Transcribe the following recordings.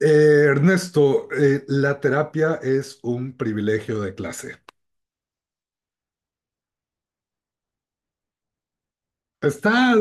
Ernesto, la terapia es un privilegio de clase. Está eh,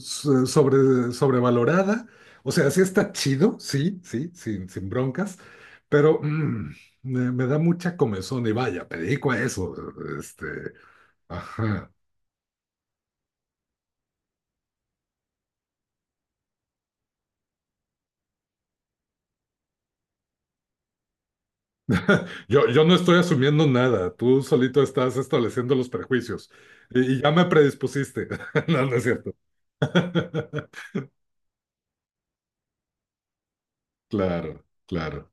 Sobrevalorada, o sea, sí está chido, sí, sí, sin broncas, pero me da mucha comezón y vaya, me dedico a eso. Este, ajá. Yo no estoy asumiendo nada, tú solito estás estableciendo los prejuicios y ya me predispusiste. No, no es cierto. Claro, claro.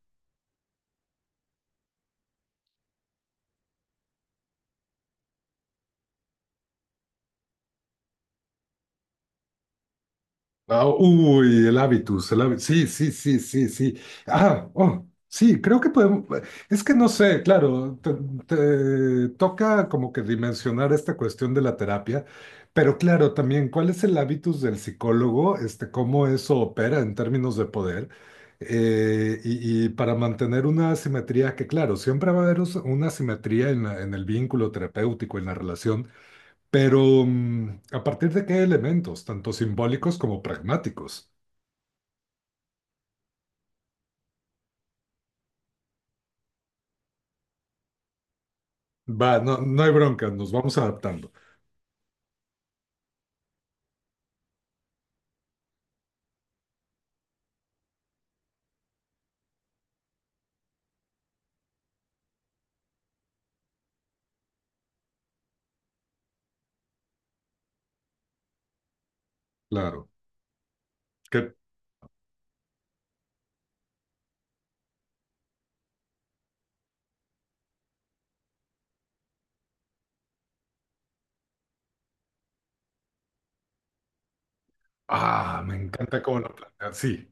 Ah, uy, el hábitus, el hábitus. Sí, sí, sí, sí, sí. Ah, oh, sí, creo que podemos. Es que no sé, claro, te toca como que dimensionar esta cuestión de la terapia, pero claro, también, ¿cuál es el hábitus del psicólogo? ¿Cómo eso opera en términos de poder? Y para mantener una asimetría, que claro, siempre va a haber una asimetría en en el vínculo terapéutico, en la relación, pero, ¿a partir de qué elementos, tanto simbólicos como pragmáticos? Va, no, no hay bronca, nos vamos adaptando. Claro. Que, ah, me encanta cómo lo planteas. Sí.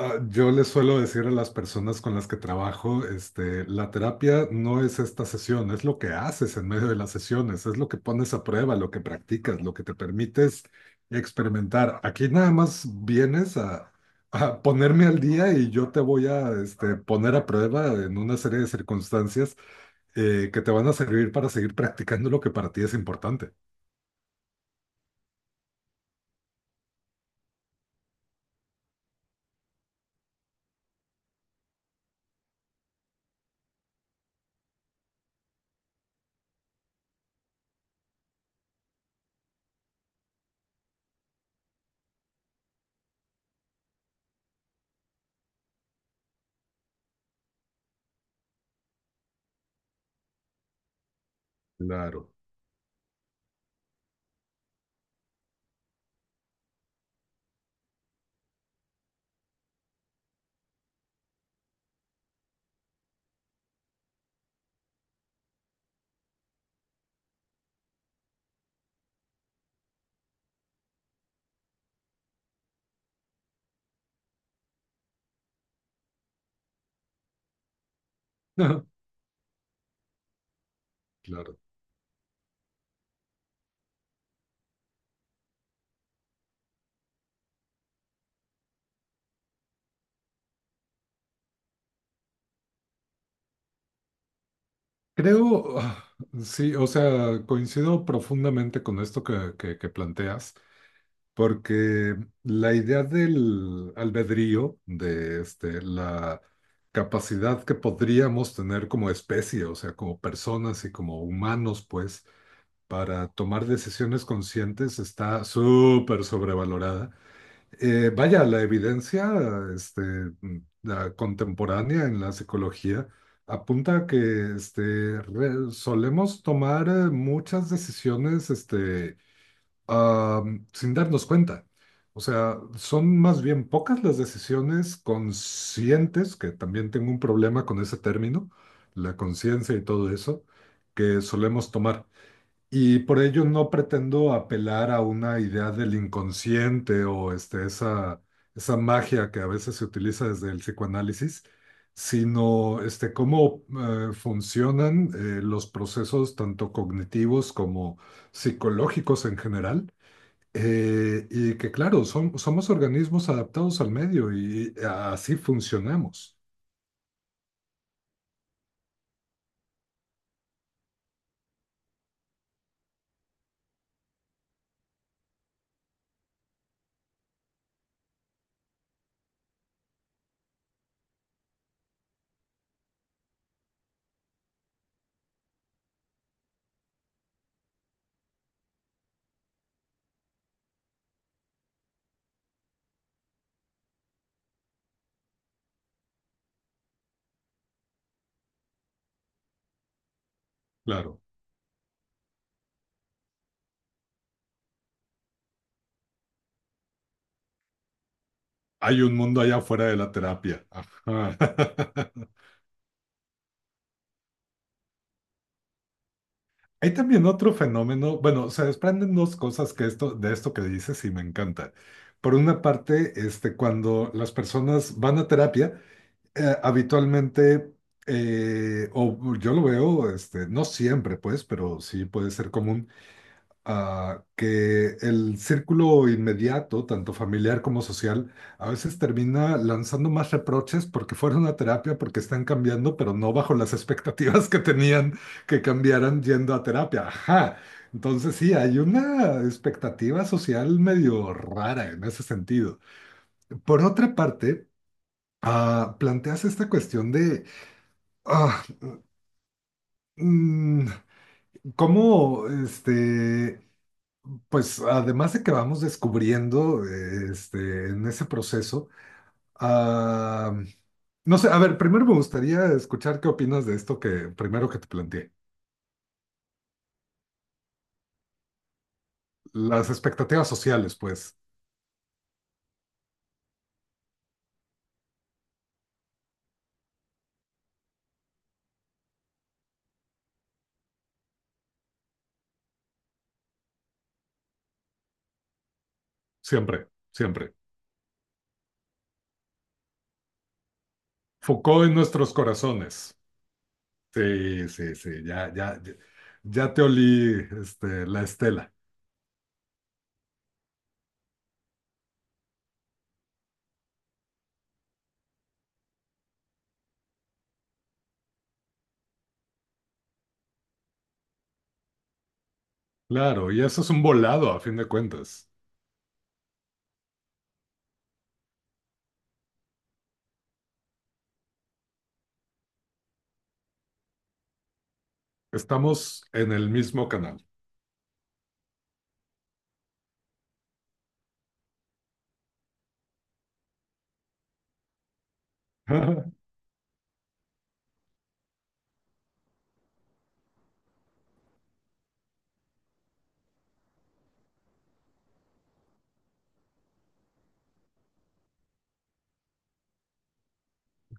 Ah, yo les suelo decir a las personas con las que trabajo, la terapia no es esta sesión, es lo que haces en medio de las sesiones, es lo que pones a prueba, lo que practicas, lo que te permites experimentar. Aquí nada más vienes a ponerme al día y yo te voy a, poner a prueba en una serie de circunstancias que te van a servir para seguir practicando lo que para ti es importante. Claro, claro. Creo, ah, sí, o sea, coincido profundamente con esto que, que planteas, porque la idea del albedrío, de la capacidad que podríamos tener como especie, o sea, como personas y como humanos, pues, para tomar decisiones conscientes está súper sobrevalorada. Vaya, la evidencia este, mm, la contemporánea en la psicología apunta a que solemos tomar muchas decisiones ah, sin darnos cuenta. O sea, son más bien pocas las decisiones conscientes, que también tengo un problema con ese término, la conciencia y todo eso, que solemos tomar. Y por ello no pretendo apelar a una idea del inconsciente o esa magia que a veces se utiliza desde el psicoanálisis, sino cómo funcionan los procesos tanto cognitivos como psicológicos en general. Y que claro, somos organismos adaptados al medio y así funcionamos. Claro, hay un mundo allá afuera de la terapia. Ajá. Hay también otro fenómeno, bueno, se desprenden dos cosas que esto, de esto que dices y me encanta. Por una parte, cuando las personas van a terapia, habitualmente, o yo lo veo, no siempre, pues, pero sí puede ser común, que el círculo inmediato, tanto familiar como social, a veces termina lanzando más reproches porque fueron a terapia, porque están cambiando, pero no bajo las expectativas que tenían que cambiaran yendo a terapia. Ajá. Entonces sí, hay una expectativa social medio rara en ese sentido. Por otra parte, planteas esta cuestión de ah, mm, cómo este, pues además de que vamos descubriendo en ese proceso, ah, no sé, a ver, primero me gustaría escuchar qué opinas de esto que primero que te planteé. Las expectativas sociales, pues, siempre, siempre. Foucault en nuestros corazones. Sí, sí, sí, ya, ya, ya, ya te olí la estela. Claro, y eso es un volado a fin de cuentas. Estamos en el mismo canal.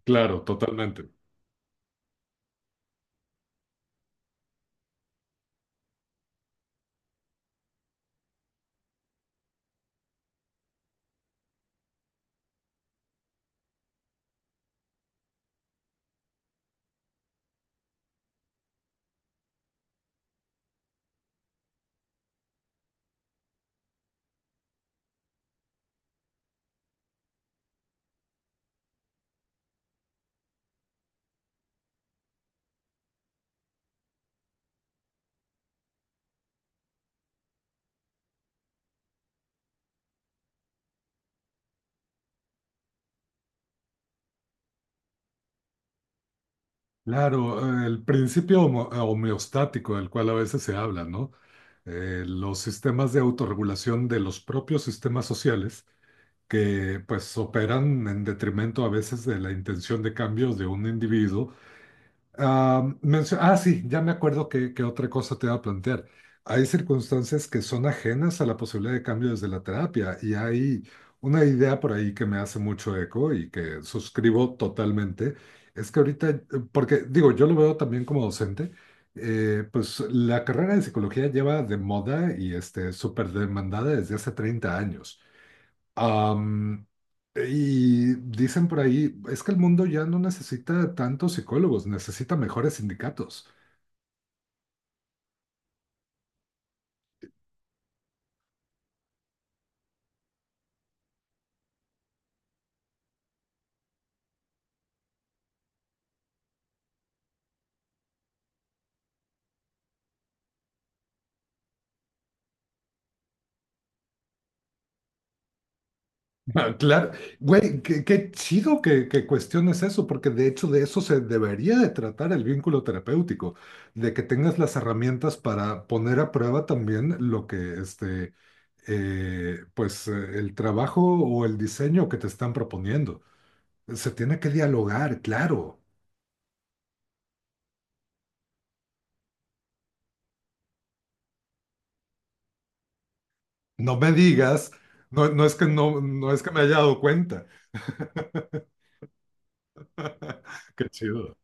Claro, totalmente. Claro, el principio homeostático del cual a veces se habla, ¿no? Los sistemas de autorregulación de los propios sistemas sociales que pues operan en detrimento a veces de la intención de cambios de un individuo. Ah, sí, ya me acuerdo que otra cosa te iba a plantear. Hay circunstancias que son ajenas a la posibilidad de cambio desde la terapia y hay una idea por ahí que me hace mucho eco y que suscribo totalmente. Es que ahorita, porque digo, yo lo veo también como docente, pues la carrera de psicología lleva de moda y súper demandada desde hace 30 años. Am, y dicen por ahí, es que el mundo ya no necesita tantos psicólogos, necesita mejores sindicatos. Ah, claro, güey, qué, qué chido que cuestiones eso, porque de hecho de eso se debería de tratar el vínculo terapéutico, de que tengas las herramientas para poner a prueba también lo que, pues el trabajo o el diseño que te están proponiendo. Se tiene que dialogar, claro. No me digas, no, no es que no, no es que me haya dado cuenta. Qué chido.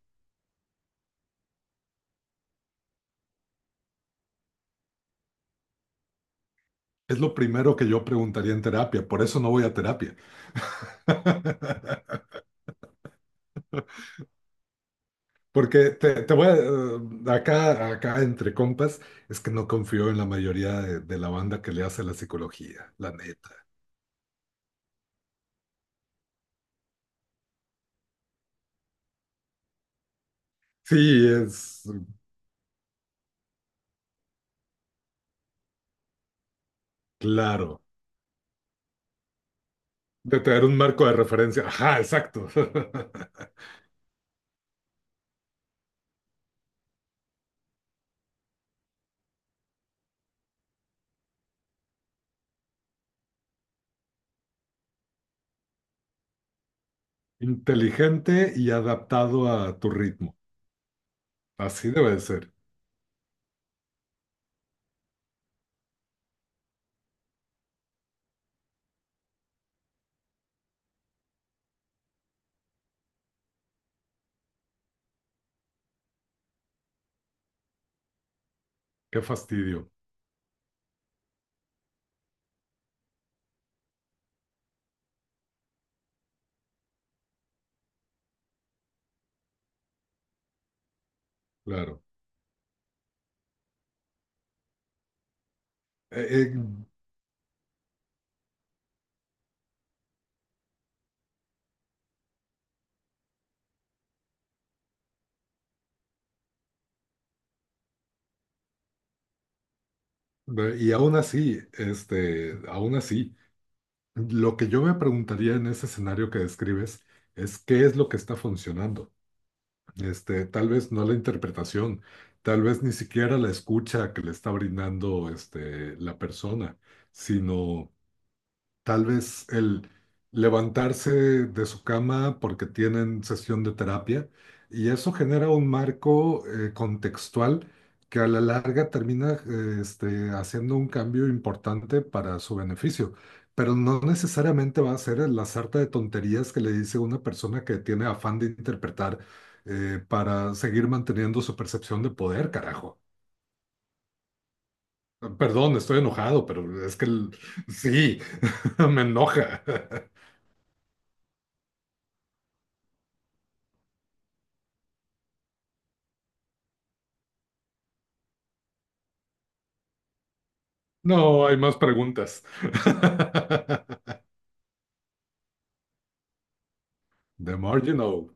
Es lo primero que yo preguntaría en terapia, por eso no voy a terapia. Porque te voy a, acá, acá entre compas, es que no confío en la mayoría de la banda que le hace la psicología, la neta. Sí, es claro, de tener un marco de referencia. Ajá, exacto. Inteligente y adaptado a tu ritmo. Así debe de ser. Qué fastidio, claro. Eh, y aún así, aún así, lo que yo me preguntaría en ese escenario que describes es qué es lo que está funcionando. Tal vez no la interpretación, tal vez ni siquiera la escucha que le está brindando, la persona, sino tal vez el levantarse de su cama porque tienen sesión de terapia y eso genera un marco contextual que a la larga termina haciendo un cambio importante para su beneficio. Pero no necesariamente va a ser la sarta de tonterías que le dice una persona que tiene afán de interpretar para seguir manteniendo su percepción de poder, carajo. Perdón, estoy enojado, pero es que sí, me enoja. No, hay más preguntas. The more you know.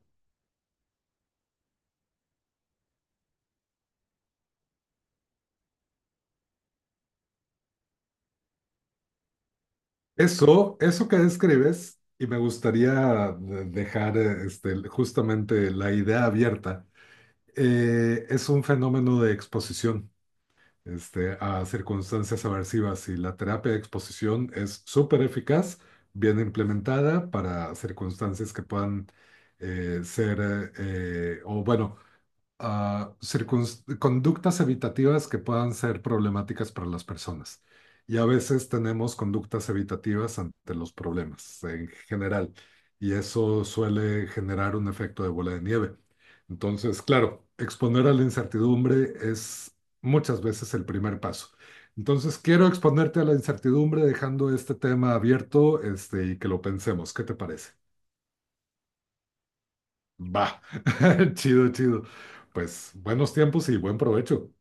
Eso que describes, y me gustaría dejar justamente la idea abierta, es un fenómeno de exposición a circunstancias aversivas y la terapia de exposición es súper eficaz, bien implementada para circunstancias que puedan o bueno, a conductas evitativas que puedan ser problemáticas para las personas. Y a veces tenemos conductas evitativas ante los problemas en general, y eso suele generar un efecto de bola de nieve. Entonces, claro, exponer a la incertidumbre es muchas veces el primer paso. Entonces, quiero exponerte a la incertidumbre dejando este tema abierto, y que lo pensemos. ¿Qué te parece? Va, chido, chido. Pues buenos tiempos y buen provecho.